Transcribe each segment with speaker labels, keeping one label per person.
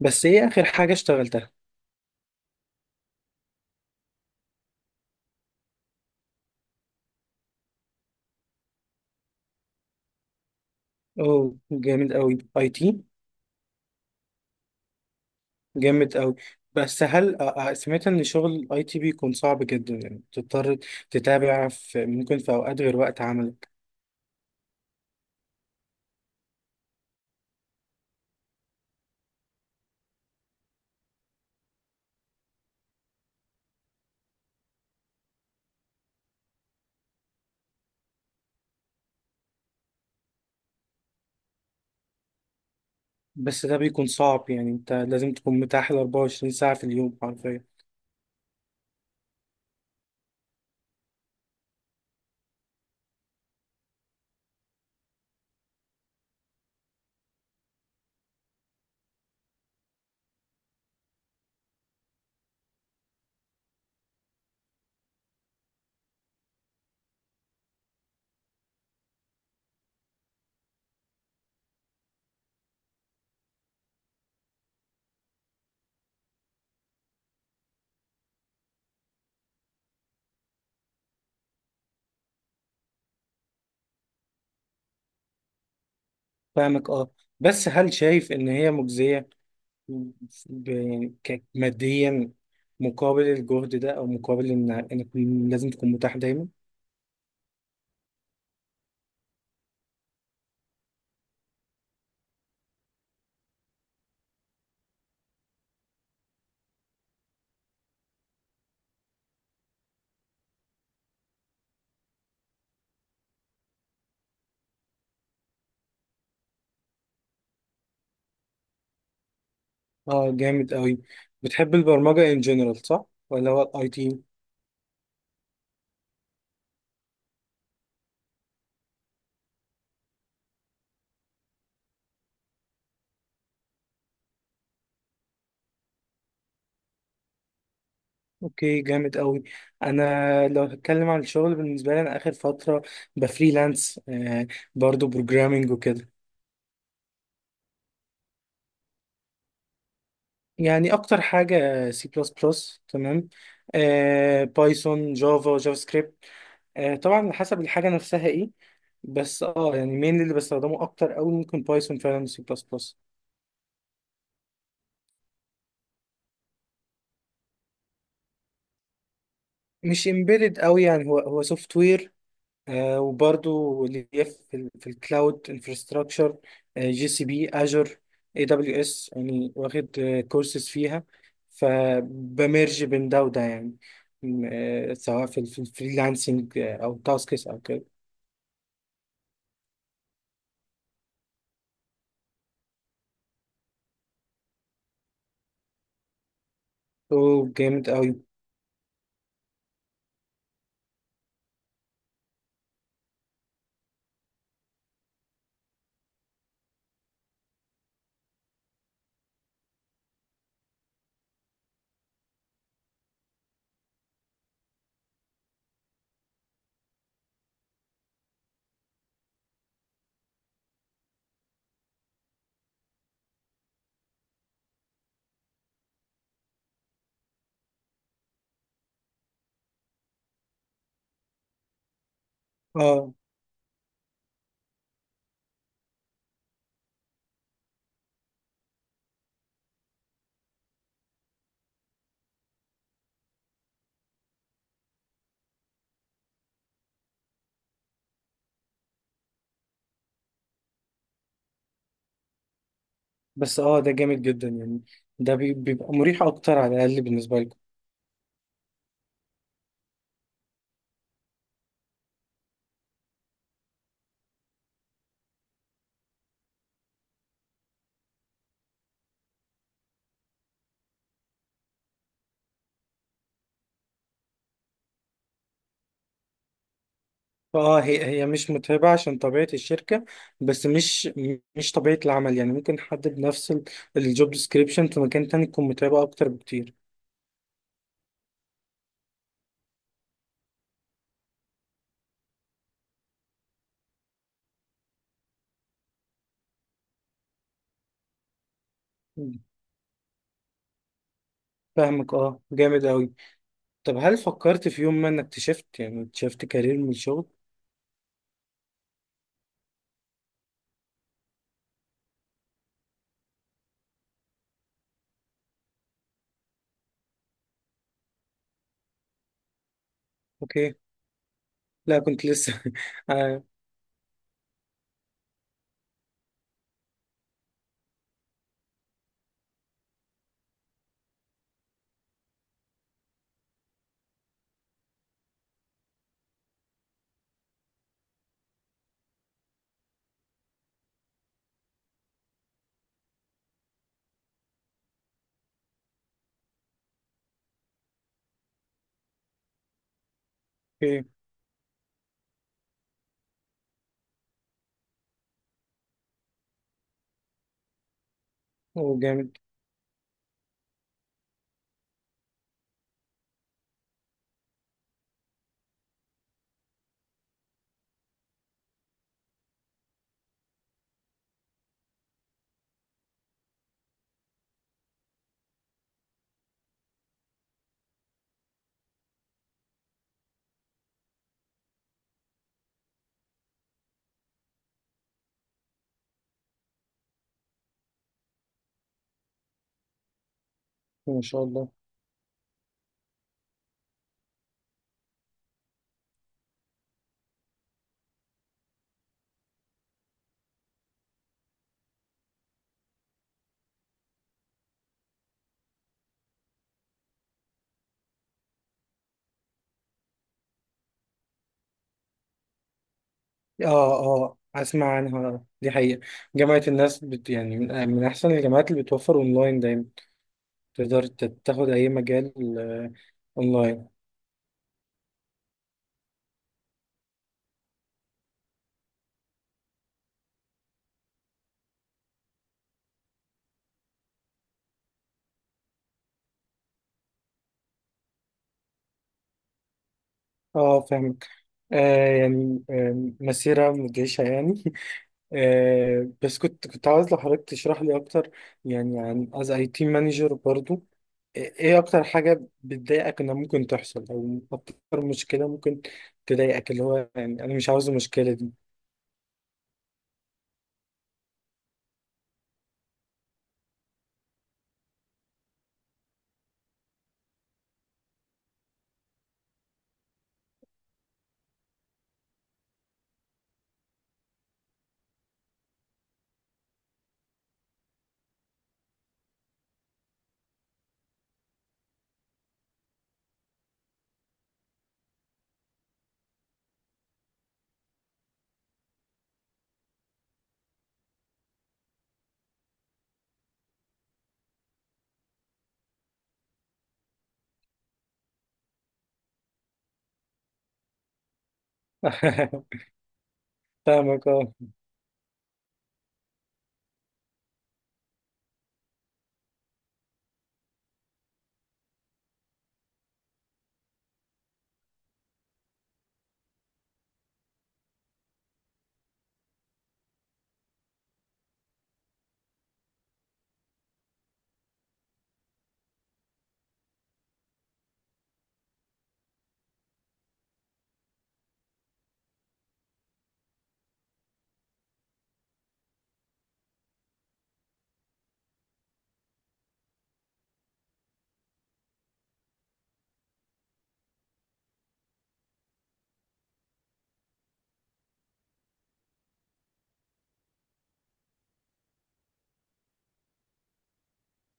Speaker 1: بس ايه اخر حاجه اشتغلتها؟ اوه، جامد قوي. اي تي. جامد قوي. بس هل سمعت ان شغل اي تي بيكون صعب جدا؟ يعني تضطر تتابع في، ممكن في اوقات غير وقت عملك. بس ده بيكون صعب، يعني انت لازم تكون متاح ال 24 ساعه في اليوم حرفيا. فاهمك، اه. بس هل شايف ان هي مجزيه؟ ماديا، مقابل الجهد ده، او مقابل ان انك لازم تكون متاح دايما. اه، جامد قوي. بتحب البرمجة ان جنرال، صح؟ ولا هو الاي تي؟ اوكي، جامد قوي. انا لو هتكلم عن الشغل بالنسبة لي، انا اخر فترة بفريلانس، برضو بروجرامنج وكده. يعني اكتر حاجة سي بلس بلس، تمام، بايثون، جافا، جافا سكريبت. طبعا على حسب الحاجة نفسها ايه. بس يعني مين اللي بستخدمه اكتر قوي ممكن بايثون، فعلا سي بلس بلس. مش امبيدد قوي، يعني هو سوفت وير. وبرضو اللي هي في الكلاود انفراستراكشر. جي سي بي اجر. اي دبليو اس. يعني واخد كورسز فيها، فبمرج بين ده وده يعني. سواء في الفريلانسنج او تاسكس او كده. اوه، جامد قوي. اه بس ده جامد جدا يعني. بيبقى مريح اكتر على الاقل بالنسبه لي. اه، هي مش متعبة عشان طبيعة الشركة، بس مش طبيعة العمل. يعني ممكن حد بنفس الجوب ديسكريبشن في مكان تاني تكون متعبة أكتر بكتير. فاهمك، اه، جامد أوي. طب هل فكرت في يوم ما إنك تشفت، يعني تشفت كارير من الشغل؟ أوكي. لا كنت لسه آه. أوكي. أوه، جامد. ما شاء الله. اه اه، أسمع عنها دي حقيقة. جامعة الناس بت، يعني من أحسن الجامعات اللي بتوفر أونلاين دايما. تقدر تاخد أي مجال، آه، اونلاين. اه، فاهمك. يعني مسيرة مدهشة يعني بس كنت عاوز لو حضرتك تشرح لي أكتر، يعني عن از اي تي مانجر برضو. ايه أكتر حاجة بتضايقك إنها ممكن تحصل؟ أو أكتر مشكلة ممكن تضايقك، اللي هو يعني أنا مش عاوز المشكلة دي. فاهمك، اه.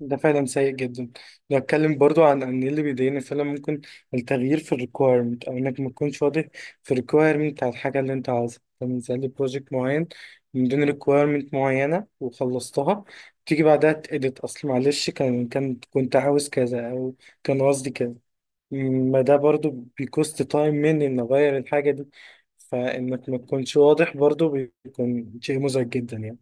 Speaker 1: ده فعلا سيء جدا. لو اتكلم برضو عن ان اللي بيضايقني فعلا ممكن التغيير في الريكويرمنت، او انك ما تكونش واضح في الريكويرمنت بتاع الحاجه اللي انت عاوزها. مثلا لي بروجكت معين من دون ريكويرمنت معينه وخلصتها، تيجي بعدها تأديت اصل معلش كان كنت عاوز كذا، او كان قصدي كذا. ما ده برضو بيكوست تايم مني ان اغير الحاجه دي. فانك ما تكونش واضح برضو بيكون شيء مزعج جدا يعني.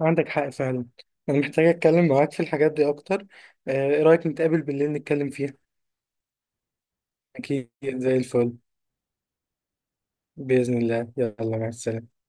Speaker 1: عندك حق فعلا. انا محتاج اتكلم معاك في الحاجات دي اكتر. ايه رايك نتقابل بالليل نتكلم فيها؟ اكيد، زي الفل. باذن الله، يلا مع السلامه.